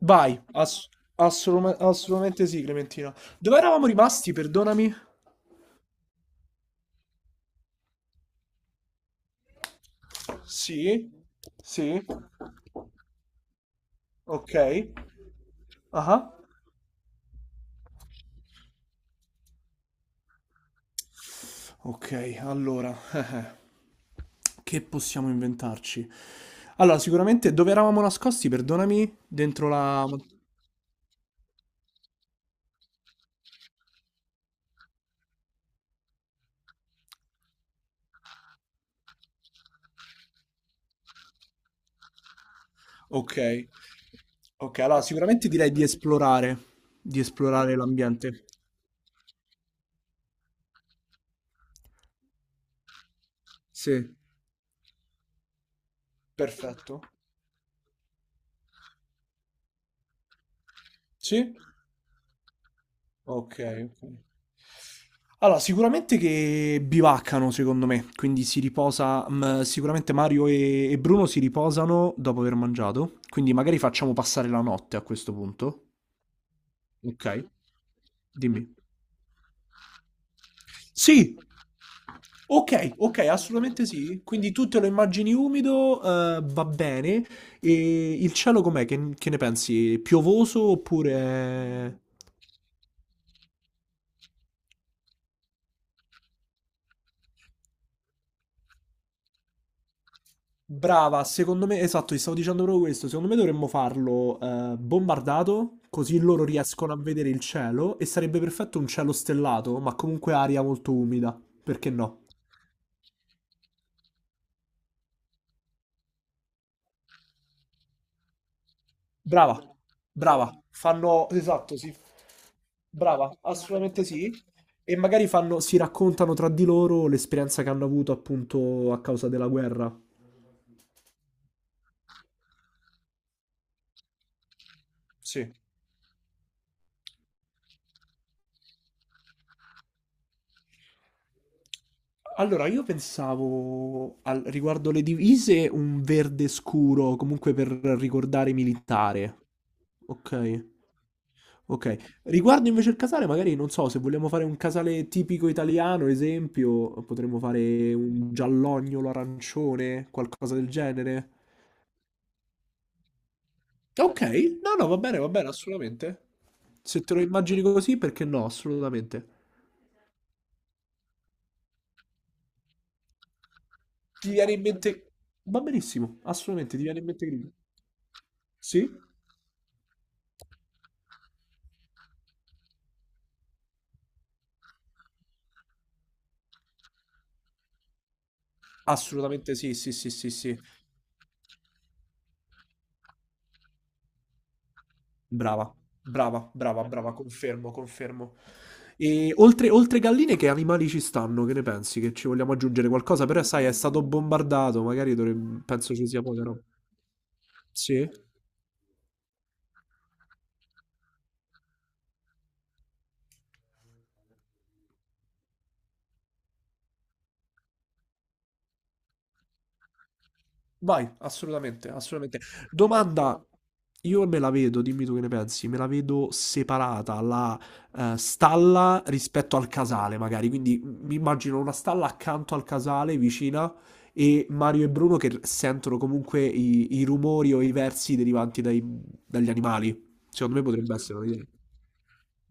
Vai, assolutamente sì, Clementina. Dove eravamo rimasti? Perdonami. Sì, sì, ok. Ah, ok, allora, che possiamo inventarci? Allora, sicuramente dove eravamo nascosti? Perdonami, dentro la... Ok, ok, allora sicuramente direi di esplorare l'ambiente. Sì, perfetto. Sì? Ok, ok. Allora, sicuramente che bivaccano, secondo me, quindi si riposa, sicuramente Mario e Bruno si riposano dopo aver mangiato, quindi magari facciamo passare la notte a questo punto. Ok, dimmi. Sì, ok, ok, assolutamente sì. Quindi tu te lo immagini umido, va bene. E il cielo com'è? Che ne pensi? Piovoso oppure... Brava, secondo me, esatto, ti stavo dicendo proprio questo. Secondo me dovremmo farlo bombardato, così loro riescono a vedere il cielo e sarebbe perfetto un cielo stellato, ma comunque aria molto umida. Perché no? Brava, brava, fanno... Esatto, sì. Brava, assolutamente sì. E magari fanno, si raccontano tra di loro l'esperienza che hanno avuto appunto a causa della guerra. Sì. Allora, io pensavo riguardo le divise un verde scuro, comunque per ricordare militare. Ok, ok. Riguardo invece il casale, magari non so, se vogliamo fare un casale tipico italiano, esempio, potremmo fare un giallognolo arancione, qualcosa del genere. Ok, no, no, va bene, assolutamente. Se te lo immagini così, perché no, assolutamente. Ti viene in mente... Va benissimo, assolutamente, ti viene in mente Grillo. Sì? Assolutamente sì, sì, sì, sì, sì. Brava, brava, brava, brava, confermo, confermo. E oltre, oltre galline, che animali ci stanno? Che ne pensi? Che ci vogliamo aggiungere qualcosa? Però, sai, è stato bombardato, penso ci sia poca roba. Sì? Vai, assolutamente, assolutamente. Domanda, io me la vedo, dimmi tu che ne pensi, me la vedo separata la stalla rispetto al casale, magari. Quindi mi immagino una stalla accanto al casale, vicina, e Mario e Bruno che sentono comunque i rumori o i versi dagli animali. Secondo me potrebbe essere un'idea.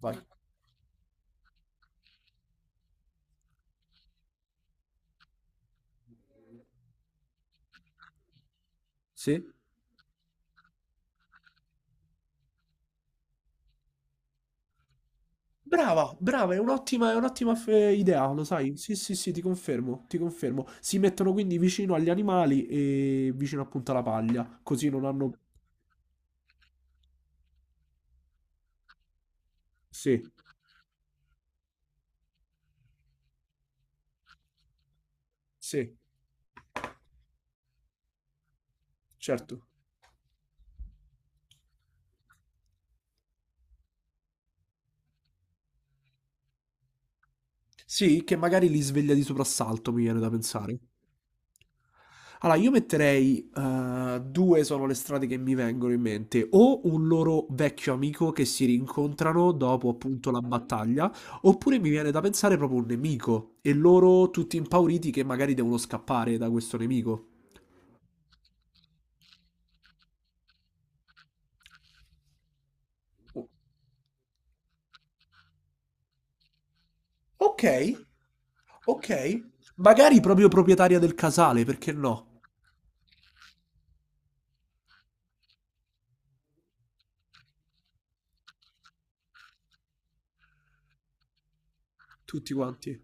Vai. Sì? Brava, brava, è un'ottima idea, lo sai? Sì, sì, sì, ti confermo, ti confermo. Si mettono quindi vicino agli animali e vicino appunto alla paglia, così non hanno... Sì, sì, certo. Sì, che magari li sveglia di soprassalto, mi viene da pensare. Allora, io metterei, due sono le strade che mi vengono in mente, o un loro vecchio amico che si rincontrano dopo appunto la battaglia, oppure mi viene da pensare proprio un nemico e loro tutti impauriti che magari devono scappare da questo nemico. O- Ok, ok. Magari proprio proprietaria del casale, perché no? Tutti quanti.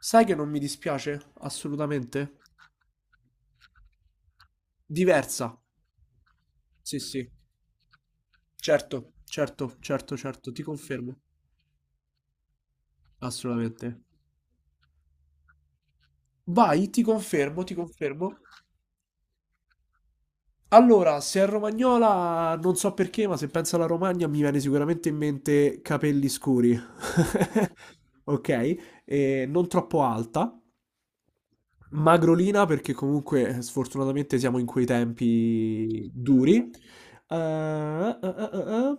Sai che non mi dispiace? Assolutamente. Diversa. Sì, sì. Certo, certo, certo, certo, ti confermo. Assolutamente. Vai, ti confermo, ti confermo. Allora, se è romagnola, non so perché, ma se penso alla Romagna mi viene sicuramente in mente capelli scuri. Ok? E non troppo alta. Magrolina perché comunque sfortunatamente siamo in quei tempi duri. Eh.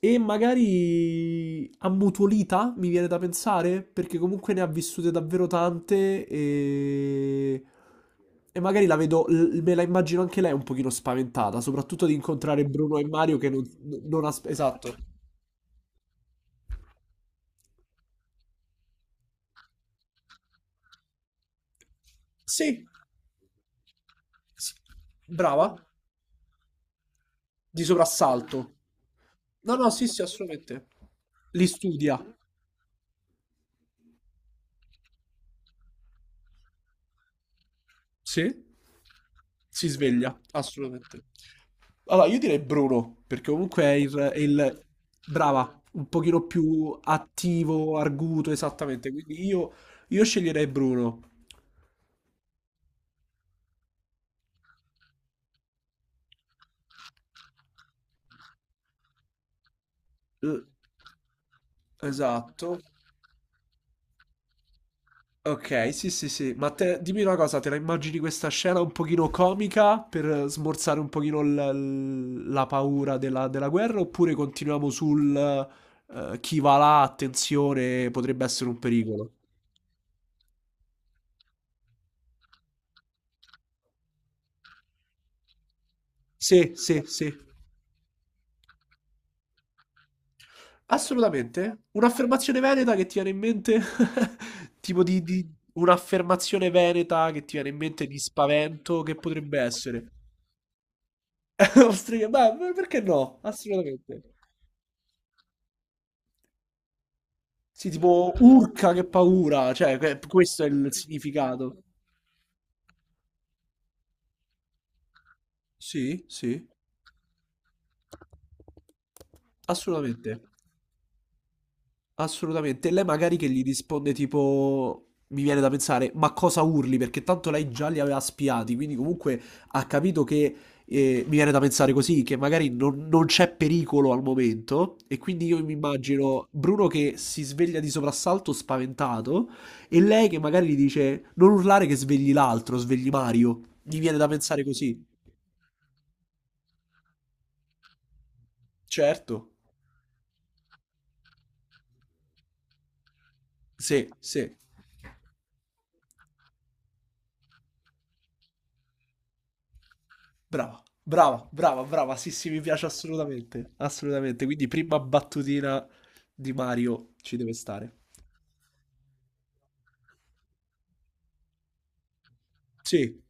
E magari ammutolita, mi viene da pensare, perché comunque ne ha vissute davvero tante e magari la vedo, me la immagino anche lei un pochino spaventata, soprattutto di incontrare Bruno e Mario che non, esatto. Sì, sì. Brava, di soprassalto. No, no, sì, sì, assolutamente. Li studia. Sì. Si sveglia, assolutamente. Allora, io direi Bruno, perché comunque è il. Brava, un pochino più attivo, arguto, esattamente. Quindi io sceglierei Bruno. Eh, esatto. Ok, sì, sì, sì. Ma te, dimmi una cosa, te la immagini questa scena un pochino comica per smorzare un pochino la paura della, della guerra oppure continuiamo sul chi va là, attenzione, potrebbe essere un pericolo? Sì, sì, sì. Assolutamente. Un'affermazione veneta che ti viene in mente? Tipo un'affermazione veneta che ti viene in mente di spavento che potrebbe essere? Ostriche, beh, perché no? Assolutamente. Sì, tipo urca che paura, cioè questo è il significato. Sì, sì, assolutamente, assolutamente. Lei magari che gli risponde tipo, mi viene da pensare, ma cosa urli? Perché tanto lei già li aveva spiati, quindi comunque ha capito che, mi viene da pensare così, che magari non, non c'è pericolo al momento, e quindi io mi immagino Bruno che si sveglia di soprassalto spaventato, e lei che magari gli dice, non urlare che svegli l'altro, svegli Mario. Mi viene da pensare così. Certo, sì, sì, brava, brava, brava, brava, sì, sì, mi piace assolutamente, assolutamente, quindi prima battutina di Mario ci deve stare. Sì,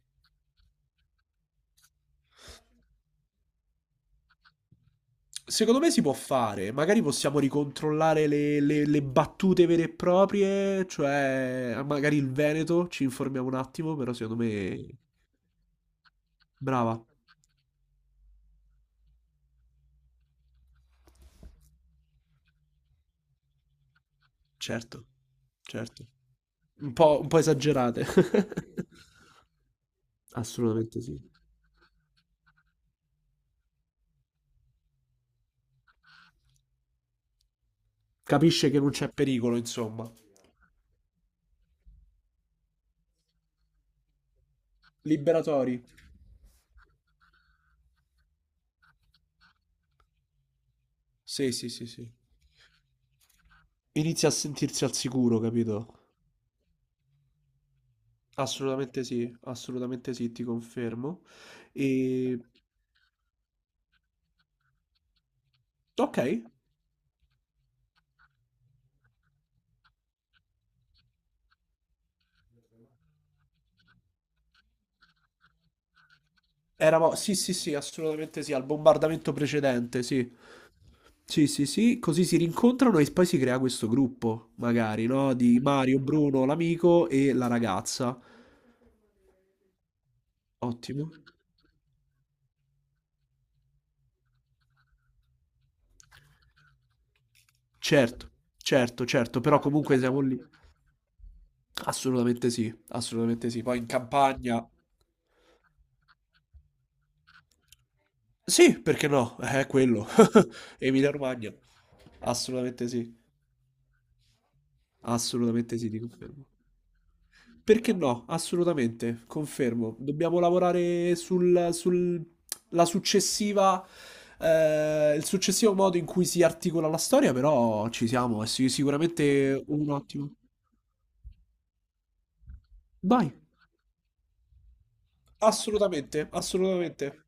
secondo me si può fare, magari possiamo ricontrollare le battute vere e proprie, cioè magari il Veneto, ci informiamo un attimo, però secondo me brava, certo, certo, un po' esagerate. Assolutamente sì. Capisce che non c'è pericolo, insomma. Liberatori. Sì, sì, sì, sì. Inizia a sentirsi al sicuro, capito? Assolutamente sì, ti confermo. E... Ok, eravamo... Sì, sì, sì, assolutamente sì, al bombardamento precedente, sì. Sì, sì, sì, così si rincontrano e poi si crea questo gruppo, magari, no? Di Mario, Bruno, l'amico e la ragazza. Ottimo. Certo, certo, certo, però comunque siamo lì. Assolutamente sì, assolutamente sì. Poi in campagna. Sì, perché no? È quello. Emilia-Romagna. Assolutamente sì. Assolutamente sì, ti confermo. Perché no? Assolutamente, confermo. Dobbiamo lavorare la successiva, il successivo modo in cui si articola la storia, però ci siamo, è sicuramente un ottimo. Vai, assolutamente, assolutamente.